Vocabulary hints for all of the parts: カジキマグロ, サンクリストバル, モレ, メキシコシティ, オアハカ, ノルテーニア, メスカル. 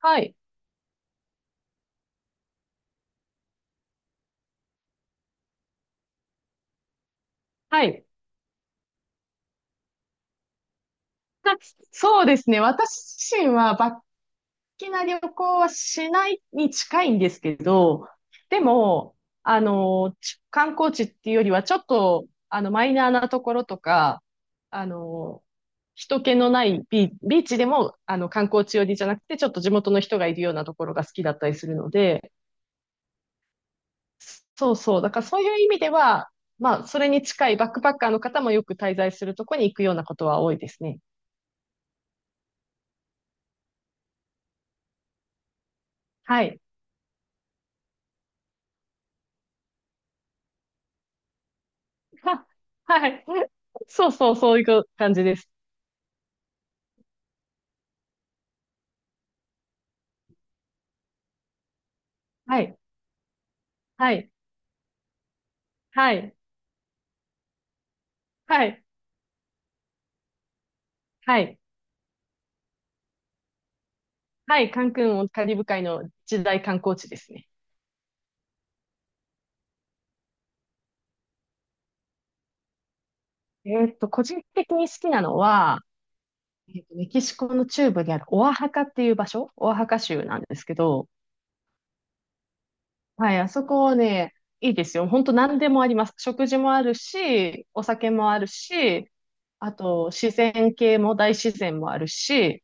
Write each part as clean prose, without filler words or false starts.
はい。はい。たそうですね。私自身は、バッキな旅行はしないに近いんですけど、でも、観光地っていうよりは、ちょっと、マイナーなところとか、あの、人気のないビーチでも、観光地寄りじゃなくて、ちょっと地元の人がいるようなところが好きだったりするので、そうそう。だからそういう意味では、まあ、それに近いバックパッカーの方もよく滞在するとこに行くようなことは多いですね。はい。は、はい。そうそう、そういう感じです。はい。はい。はい。はい。はい。はい。カンクンもカリブ海の一大観光地ですね。個人的に好きなのは、メキシコの中部にあるオアハカっていう場所、オアハカ州なんですけど、はい、あそこね、いいですよ。本当何でもあります。食事もあるし、お酒もあるし、あと自然系も大自然もあるし、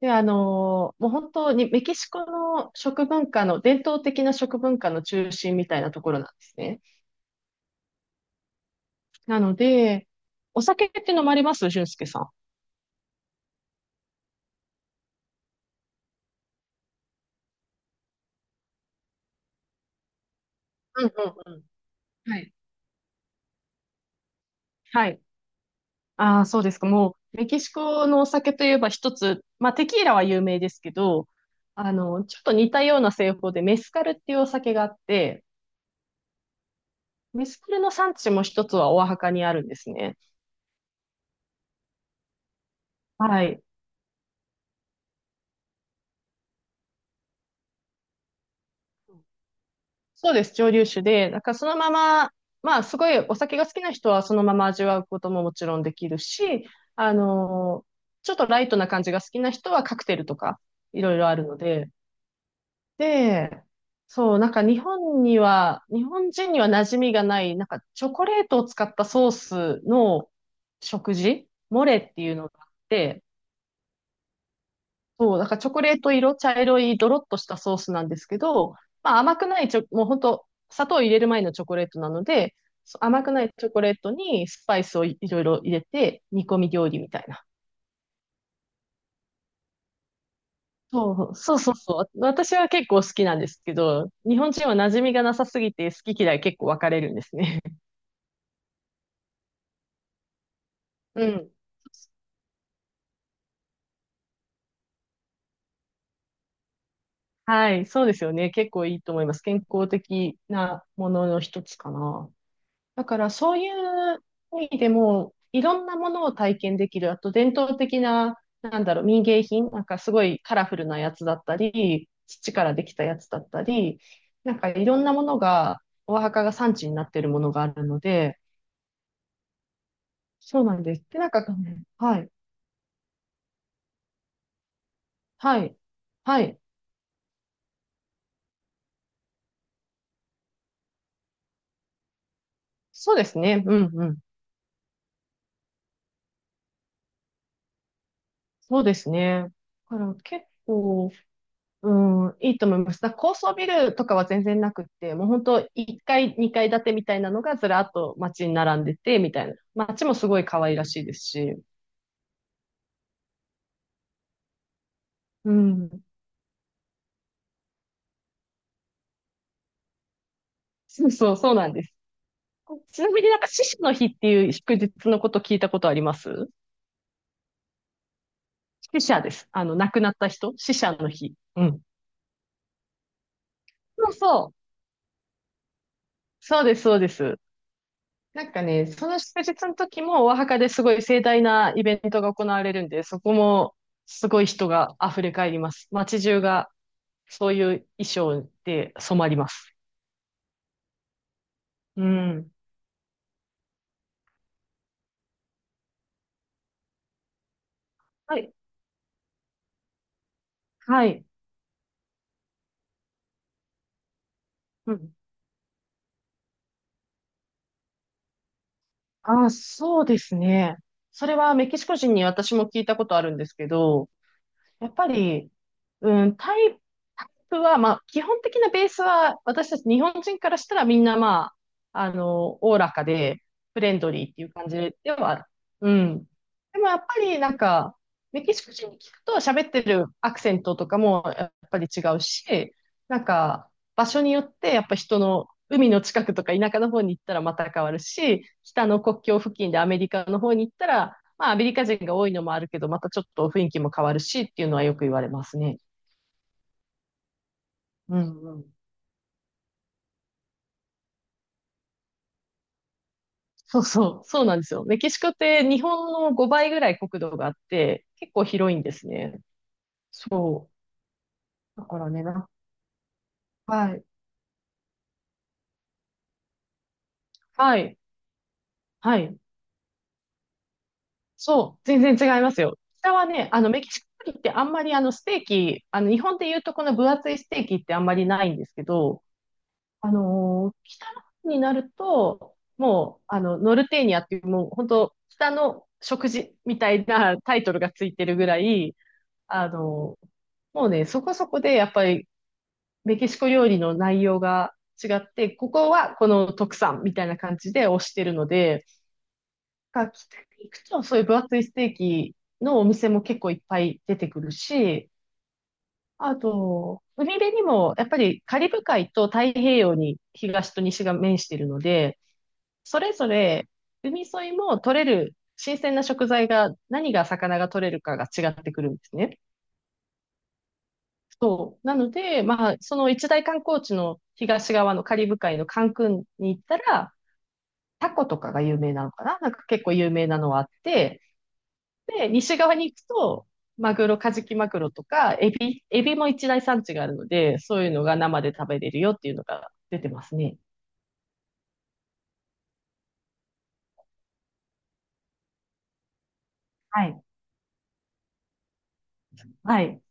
で、もう本当にメキシコの食文化の、伝統的な食文化の中心みたいなところなんですね。なので、お酒って飲まれます、俊介さん？うんうんうん。はい。はい。ああ、そうですか。もう、メキシコのお酒といえば一つ、まあ、テキーラは有名ですけど、ちょっと似たような製法でメスカルっていうお酒があって、メスカルの産地も一つはオアハカにあるんですね。はい。そうです、蒸留酒で、なんかそのまま、まあすごいお酒が好きな人はそのまま味わうことももちろんできるし、あのーちょっとライトな感じが好きな人はカクテルとかいろいろあるので、で、そう、なんか日本には、日本人には馴染みがない、なんかチョコレートを使ったソースの食事、モレっていうのがあって、そう、だからチョコレート色、茶色い、ドロッとしたソースなんですけど、まあ甘くないもう本当砂糖を入れる前のチョコレートなので、甘くないチョコレートにスパイスをいろいろ入れて、煮込み料理みたいな。そう、そうそうそう。私は結構好きなんですけど、日本人は馴染みがなさすぎて好き嫌い結構分かれるんですね。うん。はい、そうですよね。結構いいと思います。健康的なものの一つかな。だからそういう意味でも、いろんなものを体験できる。あと伝統的な、なんだろう、民芸品、なんかすごいカラフルなやつだったり、土からできたやつだったり、なんかいろんなものが、お墓が産地になっているものがあるので、そうなんです。で、なんか、はい、はい、はい。そうですね。うん、うん。そうですね。だから結構、うん、いいと思います。だから高層ビルとかは全然なくって、もう本当1階、2階建てみたいなのがずらっと街に並んでて、みたいな。街もすごい可愛らしいですし。うん。そうそう、そうなんです。ちなみになんか死者の日っていう祝日のこと聞いたことあります？死者です。あの、亡くなった人死者の日。うん。そうそう。そうです、そうです。なんかね、その祝日の時もお墓ですごい盛大なイベントが行われるんで、そこもすごい人が溢れ返ります。街中がそういう衣装で染まります。うん。はい。はい。うん。あ、そうですね。それはメキシコ人に私も聞いたことあるんですけど、やっぱり、うん、タイプは、まあ、基本的なベースは、私たち日本人からしたらみんな、まあ、おおらかで、フレンドリーっていう感じではある。うん。でもやっぱり、なんか、メキシコ人に聞くと喋ってるアクセントとかもやっぱり違うし、なんか、場所によって、やっぱ人の、海の近くとか田舎の方に行ったらまた変わるし、北の国境付近でアメリカの方に行ったら、まあ、アメリカ人が多いのもあるけど、またちょっと雰囲気も変わるしっていうのはよく言われますね。うんうん。そうそう、そうなんですよ。メキシコって日本の5倍ぐらい国土があって、結構広いんですね。そう。だからね、はい。はい、はい。そう、全然違いますよ。北はね、メキシコ料理ってあんまりステーキ、日本で言うとこの分厚いステーキってあんまりないんですけど、北の方になると、もう、ノルテーニアっていう、もう、本当北の食事みたいなタイトルがついてるぐらい、あのーもうね、そこそこで、やっぱり、メキシコ料理の内容が違って、ここはこの特産みたいな感じで推してるので、が北に行くと、そういう分厚いステーキのお店も結構いっぱい出てくるし、あと、海辺にも、やっぱりカリブ海と太平洋に東と西が面しているので、それぞれ海沿いも取れる新鮮な食材が、何が魚が取れるかが違ってくるんですね。そう。なので、まあ、その一大観光地の東側のカリブ海のカンクンに行ったら、タコとかが有名なのかななんか結構有名なのはあって、で、西側に行くと、マグロ、カジキマグロとか、エビも一大産地があるので、そういうのが生で食べれるよっていうのが出てますね。はい。はい。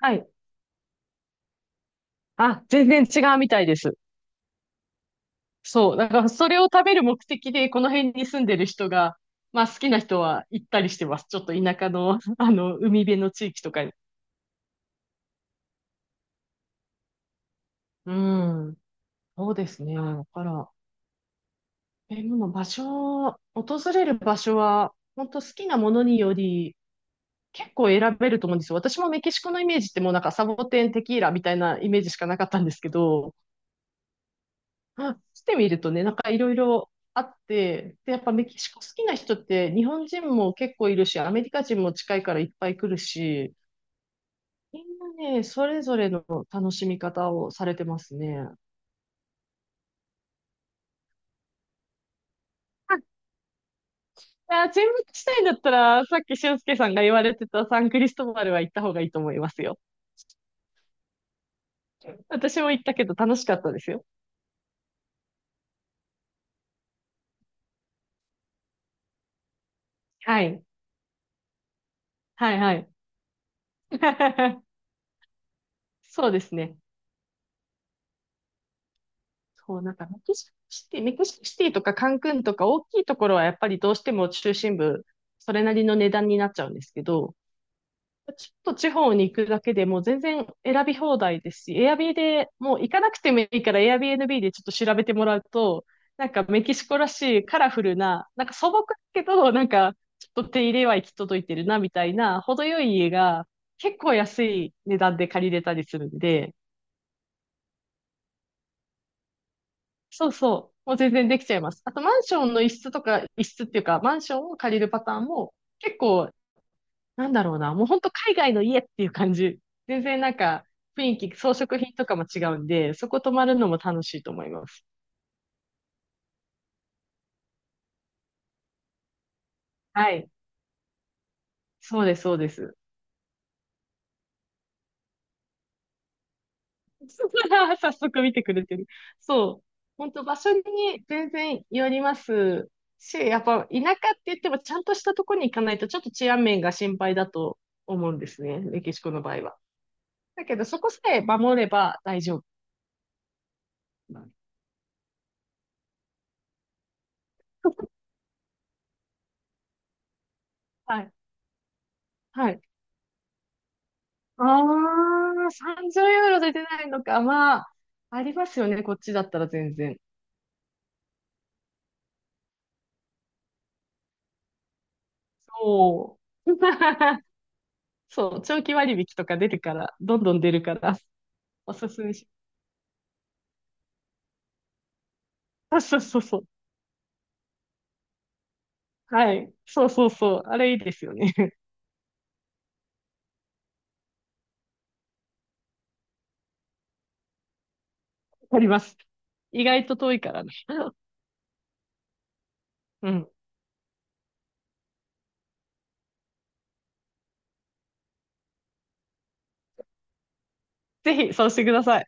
はい。あ、全然違うみたいです。そう。だからそれを食べる目的で、この辺に住んでる人が、まあ好きな人は行ったりしてます。ちょっと田舎の、海辺の地域とかに。うん。そうですね。だから、でも場所、訪れる場所は、本当好きなものにより、結構選べると思うんですよ。私もメキシコのイメージってもうなんかサボテン、テキーラみたいなイメージしかなかったんですけど、あしてみるとね、なんかいろいろあって、で、やっぱメキシコ好きな人って日本人も結構いるし、アメリカ人も近いからいっぱい来るし、みんなね、それぞれの楽しみ方をされてますね。あ、注目したいんだったら、さっき俊介さんが言われてたサンクリストバルは行った方がいいと思いますよ。私も行ったけど楽しかったですよ。はい。はいはい。そうですね。そう、なんかメキシコシティとかカンクンとか大きいところはやっぱりどうしても中心部、それなりの値段になっちゃうんですけど、ちょっと地方に行くだけでもう全然選び放題ですし、エアビーでもう行かなくてもいいから Airbnb でちょっと調べてもらうと、なんかメキシコらしいカラフルな、なんか素朴だけど、なんかちょっと手入れは行き届いてるなみたいな、程よい家が結構安い値段で借りれたりするんで、そうそう。もう全然できちゃいます。あと、マンションの一室とか、一室っていうか、マンションを借りるパターンも、結構、なんだろうな、もう本当海外の家っていう感じ。全然なんか、雰囲気、装飾品とかも違うんで、そこ泊まるのも楽しいと思います。はい。そうです、そうです。早速見てくれてる。そう。本当場所に全然よりますし、やっぱ田舎って言ってもちゃんとしたところに行かないとちょっと治安面が心配だと思うんですね。メキシコの場合は。だけど、そこさえ守れば大丈夫なの。はい。はい。ああ、30ユーロで出ないのか。まあ、ありますよね。こっちだったら全然。そう。そう。長期割引とか出てから、どんどん出るから、おすすめし。あ、そうそうそう。はい。そうそうそう。あれいいですよね。あります。意外と遠いからね。うん。ぜひ、そうしてください。